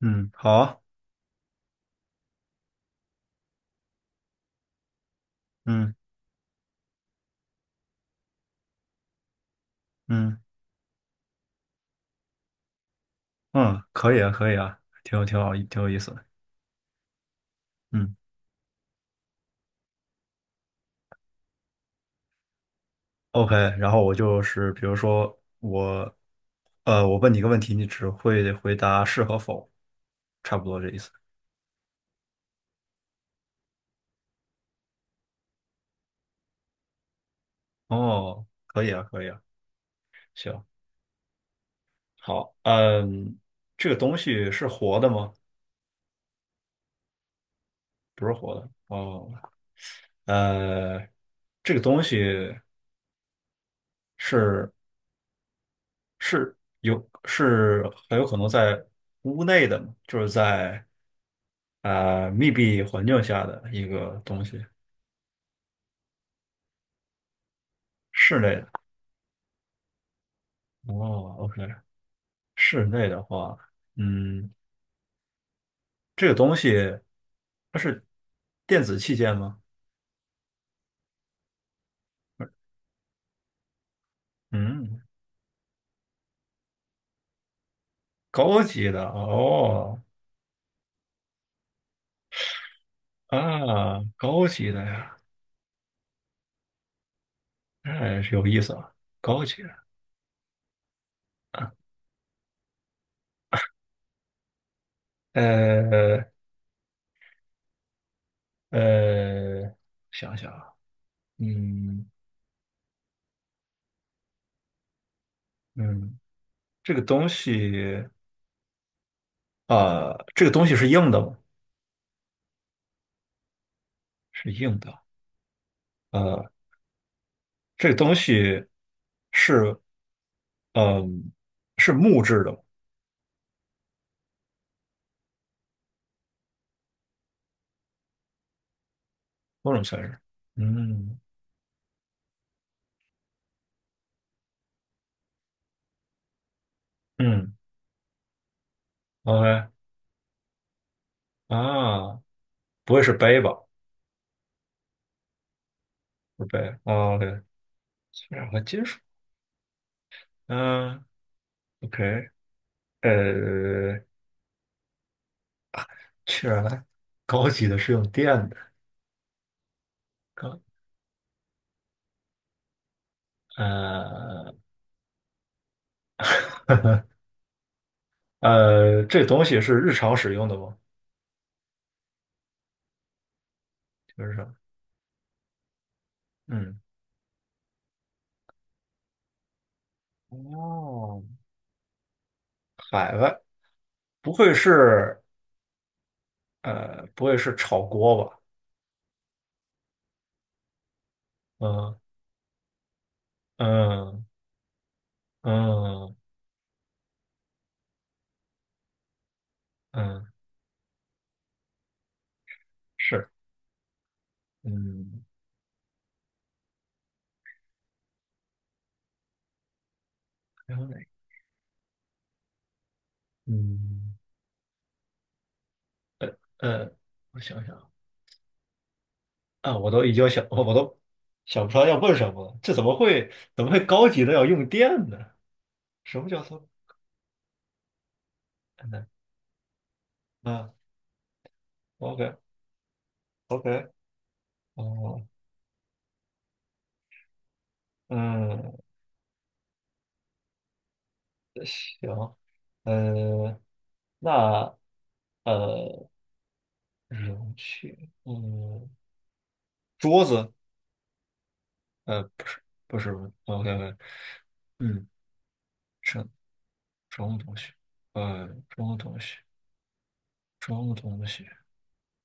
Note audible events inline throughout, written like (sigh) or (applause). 嗯，好啊。嗯嗯嗯，可以啊，可以啊，挺好，挺有意思的。嗯，OK，然后我就是比如说我问你一个问题，你只会回答是和否，差不多这意思。哦，可以啊，可以啊，行，好，嗯，这个东西是活的吗？不是活的。哦，呃，这个东西是是有是很有可能在屋内的吗，就是在。密闭环境下的一个东西，室内的。哦，OK，室内的话，嗯，这个东西它是电子器件吗？嗯，高级的哦，啊，高级的呀，哎，有意思啊，高级的。呃呃，想想啊，嗯嗯，这个东西啊，这个东西是硬的吗？是硬的。呃，这个东西是嗯，是木质的吗？某种材质。嗯嗯，OK 啊，不会是杯吧？不是杯啊，OK，氢氧和金属。嗯，OK，呃，氢氧来，高级的是用电的。高呃这东西是日常使用的吗？就是说嗯，哦，海外不会是不会是炒锅吧？嗯嗯嗯嗯，是，嗯。然后呢？嗯，呃，我想想啊，我都想不出来要问什么了。这怎么会高级的要用电呢？什么叫做嗯啊，OK OK，哦，嗯，行，呃，那呃，容器，嗯，桌子，呃，不是不是，OK OK，嗯，什什么东西？什么东西？什么东西？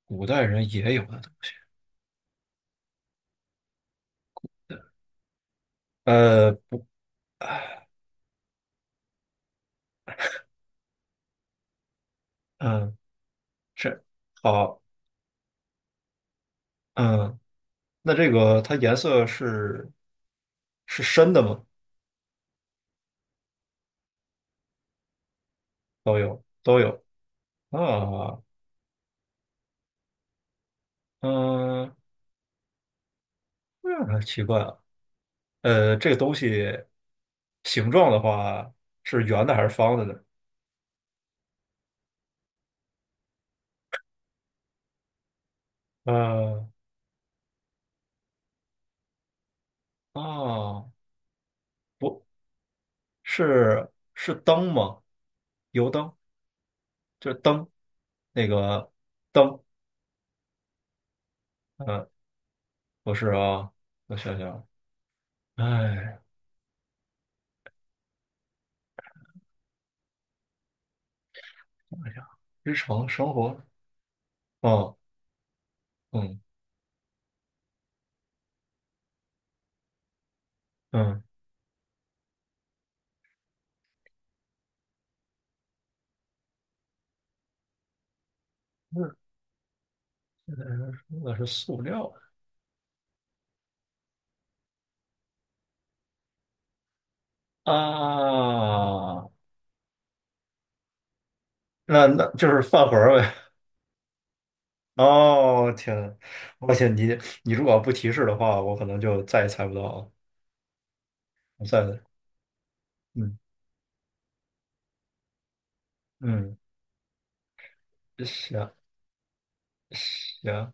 古代人也有的东西。不，嗯，这好，嗯，那这个它颜色是深的吗？都有，都有啊，嗯，那还奇怪啊，这个东西形状的话是圆的还是方的呢？呃，啊，不是，是灯吗？油灯，就是灯，那个灯，嗯，不是啊，我想想，哎，想想日常生活。哦，嗯嗯，那那是塑料啊，那就是饭盒儿呗。哦，天呐，而且你如果不提示的话，我可能就再也猜不到了。我再嗯嗯，行行，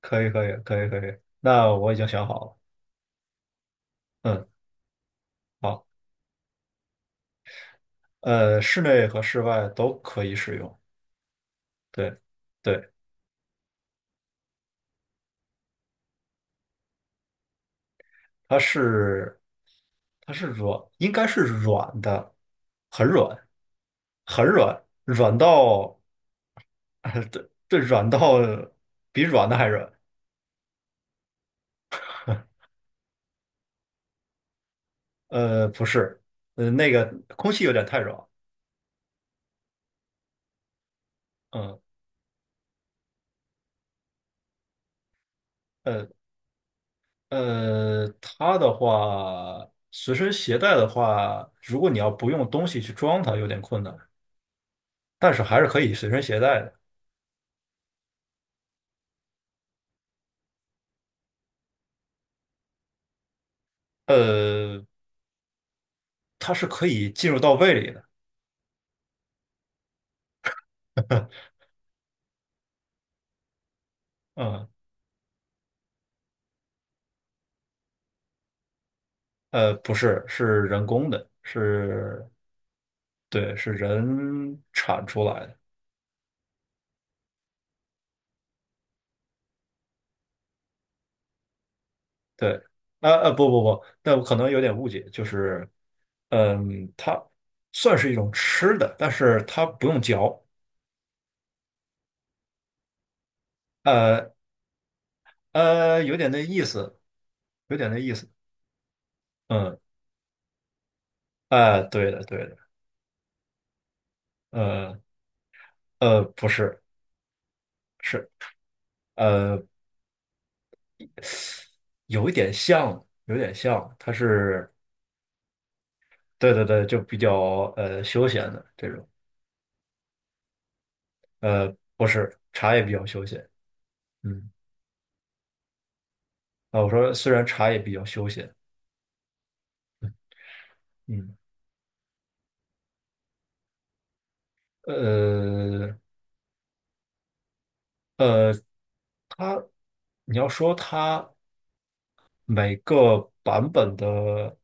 可以可以可以可以，那我已经想好了。嗯，好，室内和室外都可以使用。对对。它是它是软，应该是软的，很软，很软，软到 (laughs) 对对，软到比软的还软。不是，那个空气有点太软，嗯，呃它的话，随身携带的话，如果你要不用东西去装它，有点困难，但是还是可以随身携带的。呃，它是可以进入到胃里的，(laughs) 嗯。不是，是人工的，是，对，是人产出来的。对，啊啊，不不不，那我可能有点误解，就是，嗯，它算是一种吃的，但是它不用嚼，呃有点那意思，有点那意思。嗯，哎、对的对的，呃不是，是呃，有一点像，有点像，它是，对对对，就比较休闲的这种，呃，不是，茶也比较休闲。嗯，啊，我说虽然茶也比较休闲，嗯，呃呃，它，你要说它每个版本的，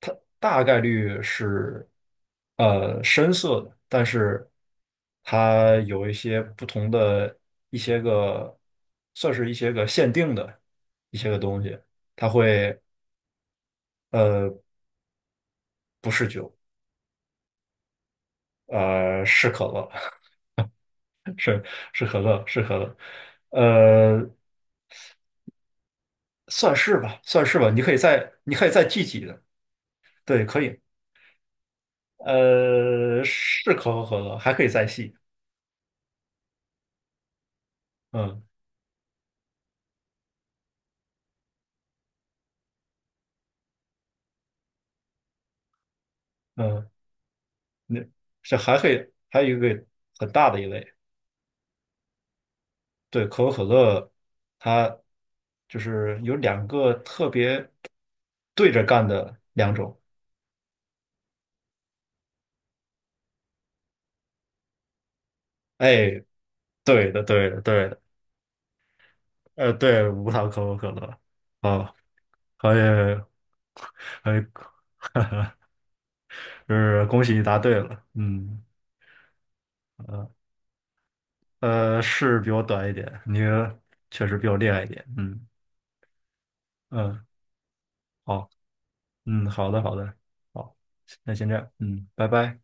它大概率是深色的，但是它有一些不同的一些个，算是一些个限定的一些个东西，它会呃不是酒，是可乐，(laughs) 是是可乐，是可乐。呃，算是吧，算是吧。你可以再记几的，对，可以。是可口可乐，还可以再细。嗯嗯，那这还可以，还有一个很大的一类，对，可口可乐，它就是有两个特别对着干的两种。哎，对的，对的，对的，对，无糖可口可乐。啊，可以，可以，就是恭喜你答对了。嗯。呃是比我短一点，你确实比我厉害一点。嗯嗯，好，嗯，好的，好的，好，那先这样，嗯，拜拜。